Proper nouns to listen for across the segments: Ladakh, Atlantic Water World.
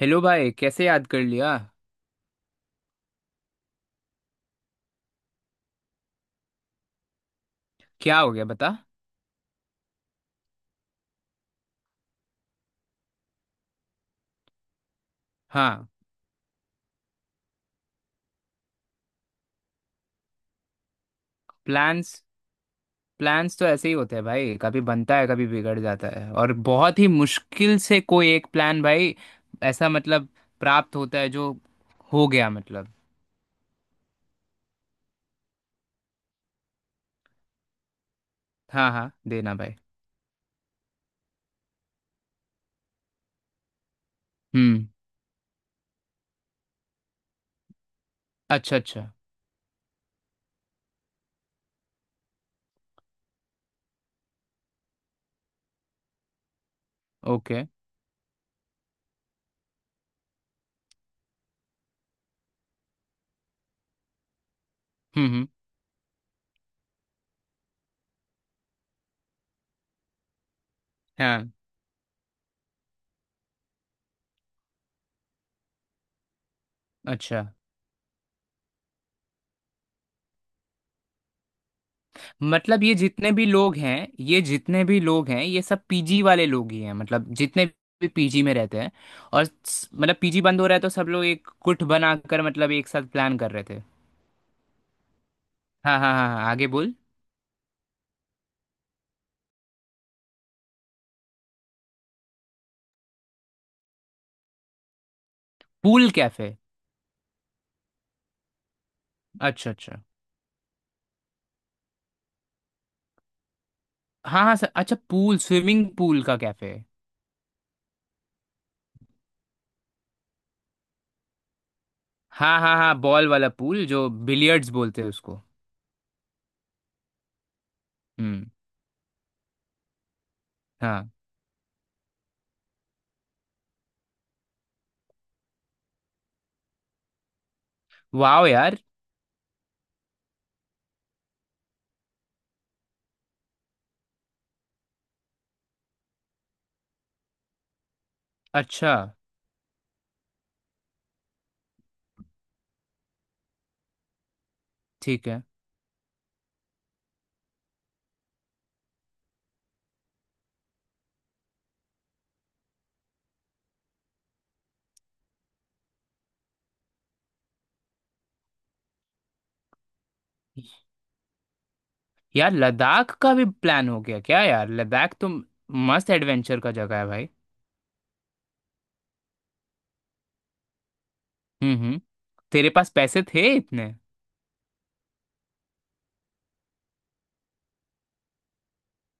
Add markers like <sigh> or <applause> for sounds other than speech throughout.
Hello भाई, कैसे याद कर लिया? क्या हो गया, बता। हाँ। प्लान्स प्लान्स तो ऐसे ही होते हैं भाई, कभी बनता है, कभी बिगड़ जाता है, और बहुत ही मुश्किल से कोई एक प्लान भाई ऐसा मतलब प्राप्त होता है जो हो गया मतलब। हाँ हाँ, देना भाई। हम्म। अच्छा अच्छा। ओके। हम्म। हाँ। अच्छा। मतलब ये जितने भी लोग हैं, ये जितने भी लोग हैं, ये सब पीजी वाले लोग ही हैं, मतलब जितने भी पीजी में रहते हैं। और मतलब पीजी बंद हो रहा है तो सब लोग एक गुट बनाकर मतलब एक साथ प्लान कर रहे थे। हाँ हाँ हाँ हाँ, आगे बोल। Pool cafe. अच्छा अच्छा। हाँ हाँ सर, अच्छा पूल, स्विमिंग पूल का कैफे। हाँ हाँ हाँ, बॉल वाला पूल जो बिलियर्ड्स बोलते हैं उसको। हम्म। हाँ। वाह यार। अच्छा। ठीक है। यार लद्दाख का भी प्लान हो गया क्या? यार लद्दाख तो मस्त एडवेंचर का जगह है भाई। हम्म। तेरे पास पैसे थे इतने?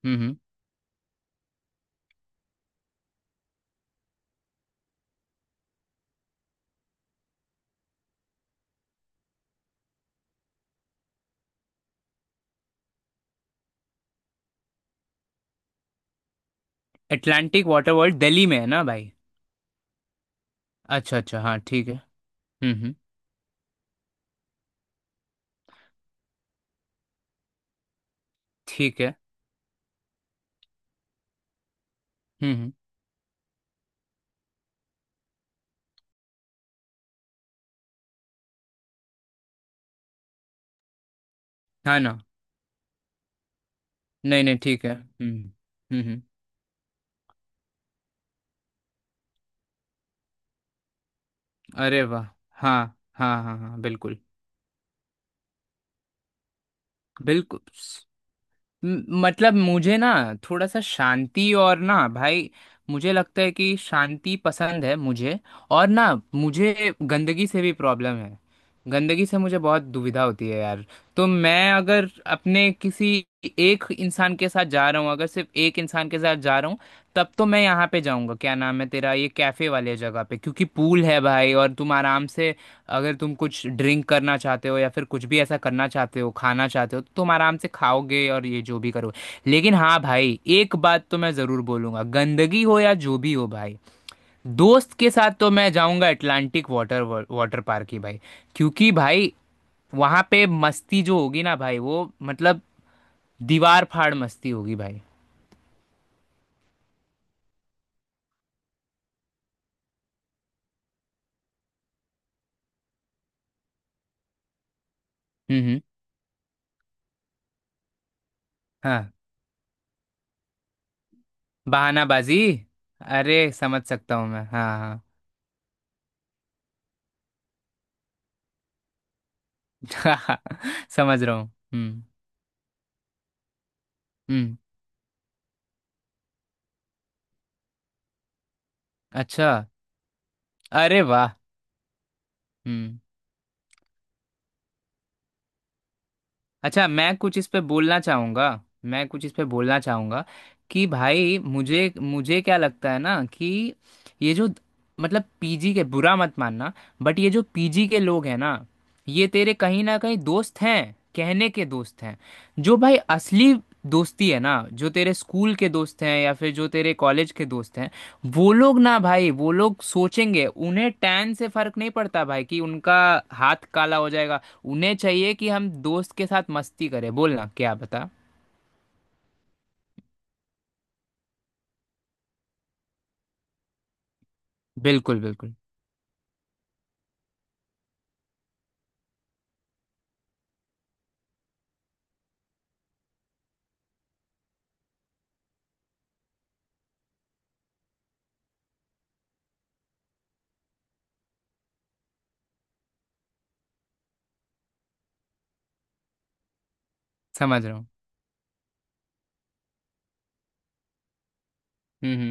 हम्म। अटलांटिक वाटर वर्ल्ड दिल्ली में है ना भाई? अच्छा अच्छा, हाँ ठीक है। हम्म। ठीक है। हम्म। हाँ ना। नहीं नहीं, ठीक है। हम्म। हम्म। अरे वाह। हाँ। हाँ हाँ हाँ, बिल्कुल। बिल्कुल। मतलब मुझे ना, थोड़ा सा शांति और ना भाई, मुझे लगता है कि शांति पसंद है मुझे। और ना, मुझे गंदगी से भी प्रॉब्लम है, गंदगी से मुझे बहुत दुविधा होती है यार। तो मैं अगर अपने किसी एक इंसान के साथ जा रहा हूँ, अगर सिर्फ एक इंसान के साथ जा रहा हूँ, तब तो मैं यहाँ पे जाऊँगा, क्या नाम है तेरा ये कैफे वाले जगह पे, क्योंकि पूल है भाई और तुम आराम से। अगर तुम कुछ ड्रिंक करना चाहते हो या फिर कुछ भी ऐसा करना चाहते हो, खाना चाहते हो, तो तुम आराम से खाओगे और ये जो भी करोगे, लेकिन हाँ भाई एक बात तो मैं ज़रूर बोलूंगा, गंदगी हो या जो भी हो भाई। दोस्त के साथ तो मैं जाऊंगा अटलांटिक वाटर वाटर पार्क ही भाई। क्योंकि भाई वहाँ पे मस्ती जो होगी ना भाई, वो मतलब दीवार फाड़ मस्ती होगी भाई। हम्म। हाँ। बहानाबाजी। अरे समझ सकता हूँ मैं। हाँ। हाँ <laughs> समझ रहा हूँ। हम्म। हम्म। अच्छा। अरे वाह। हम्म। अच्छा, मैं कुछ इस पे बोलना चाहूंगा। मैं कुछ इस पे बोलना चाहूंगा, कि भाई मुझे मुझे क्या लगता है ना, कि ये जो मतलब पीजी के, बुरा मत मानना, बट ये जो पीजी के लोग हैं ना, ये तेरे कहीं ना कहीं दोस्त हैं, कहने के दोस्त हैं। जो भाई असली दोस्ती है ना, जो तेरे स्कूल के दोस्त हैं या फिर जो तेरे कॉलेज के दोस्त हैं, वो लोग ना भाई, वो लोग सोचेंगे उन्हें टैन से फर्क नहीं पड़ता भाई कि उनका हाथ काला हो जाएगा। उन्हें चाहिए कि हम दोस्त के साथ मस्ती करें। बोलना क्या, बता। बिल्कुल बिल्कुल। समझ रहा हूँ। हम्म।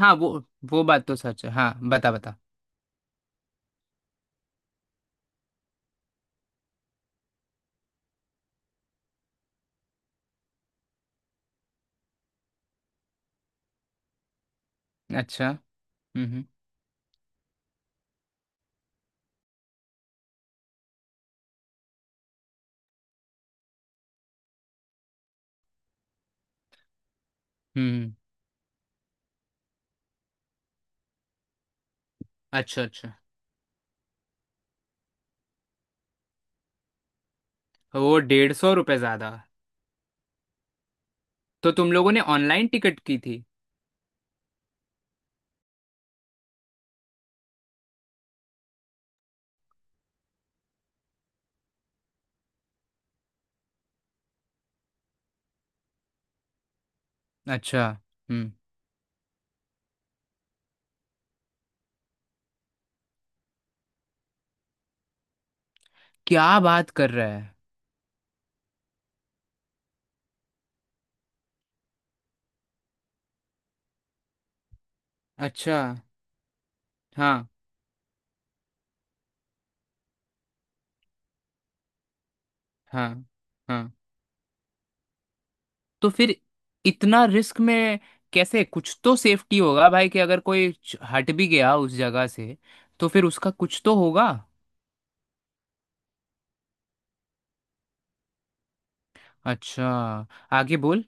हाँ वो बात तो सच है। हाँ, बता बता। अच्छा। हम्म। हम्म। हम्म। अच्छा अच्छा। वो 150 रुपये ज्यादा। तो तुम लोगों ने ऑनलाइन टिकट की थी? अच्छा। हम्म। क्या बात कर रहा है! अच्छा। हाँ हाँ हाँ। तो फिर इतना रिस्क में कैसे, कुछ तो सेफ्टी होगा भाई, कि अगर कोई हट भी गया उस जगह से, तो फिर उसका कुछ तो होगा। अच्छा, आगे बोल।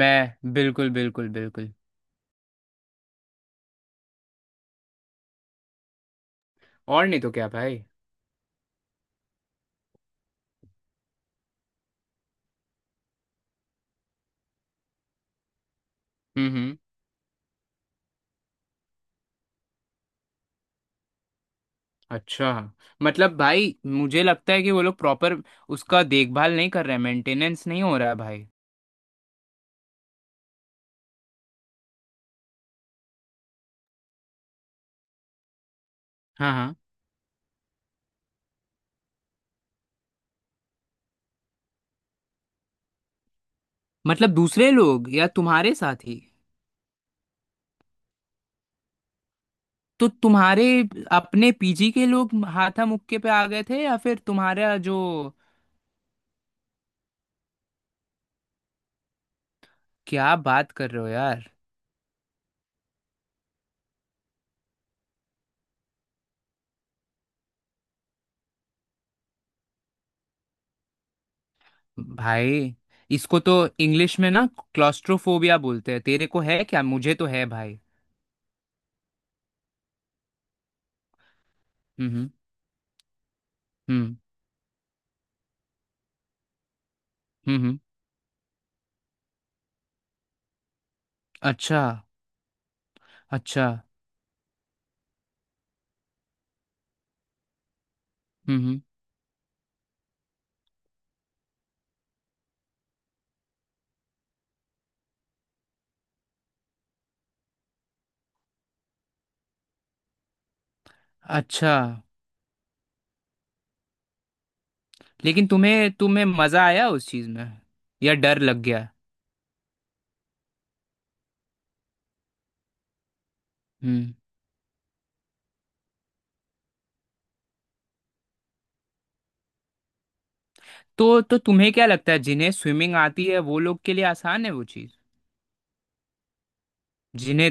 मैं बिल्कुल बिल्कुल बिल्कुल। और नहीं तो क्या भाई। हम्म। अच्छा। मतलब भाई मुझे लगता है कि वो लोग प्रॉपर उसका देखभाल नहीं कर रहे हैं, मेंटेनेंस नहीं हो रहा है भाई। हाँ हाँ। मतलब दूसरे लोग या तुम्हारे साथी? तो तुम्हारे अपने पीजी के लोग हाथा मुक्के पे आ गए थे या फिर तुम्हारा जो। क्या बात कर रहे हो यार! भाई इसको तो इंग्लिश में ना क्लॉस्ट्रोफोबिया बोलते हैं, तेरे को है क्या? मुझे तो है भाई। हम्म हम्म। हम्म हम्म। हम्म। अच्छा। अच्छा। हम्म। अच्छा। लेकिन तुम्हें तुम्हें मजा आया उस चीज में या डर लग गया? हम्म। तो तुम्हें क्या लगता है जिन्हें स्विमिंग आती है वो लोग के लिए आसान है वो चीज? जिन्हें।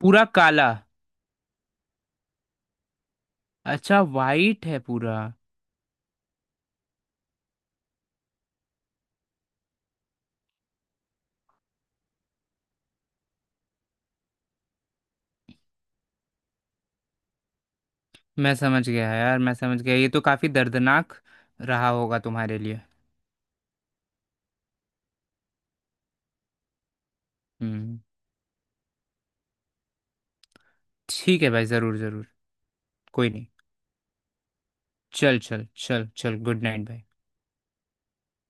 पूरा काला। अच्छा वाइट है पूरा। मैं समझ गया यार, मैं समझ गया, ये तो काफी दर्दनाक रहा होगा तुम्हारे लिए। हम्म। ठीक है भाई, जरूर जरूर। कोई नहीं। चल चल चल चल, गुड नाइट भाई।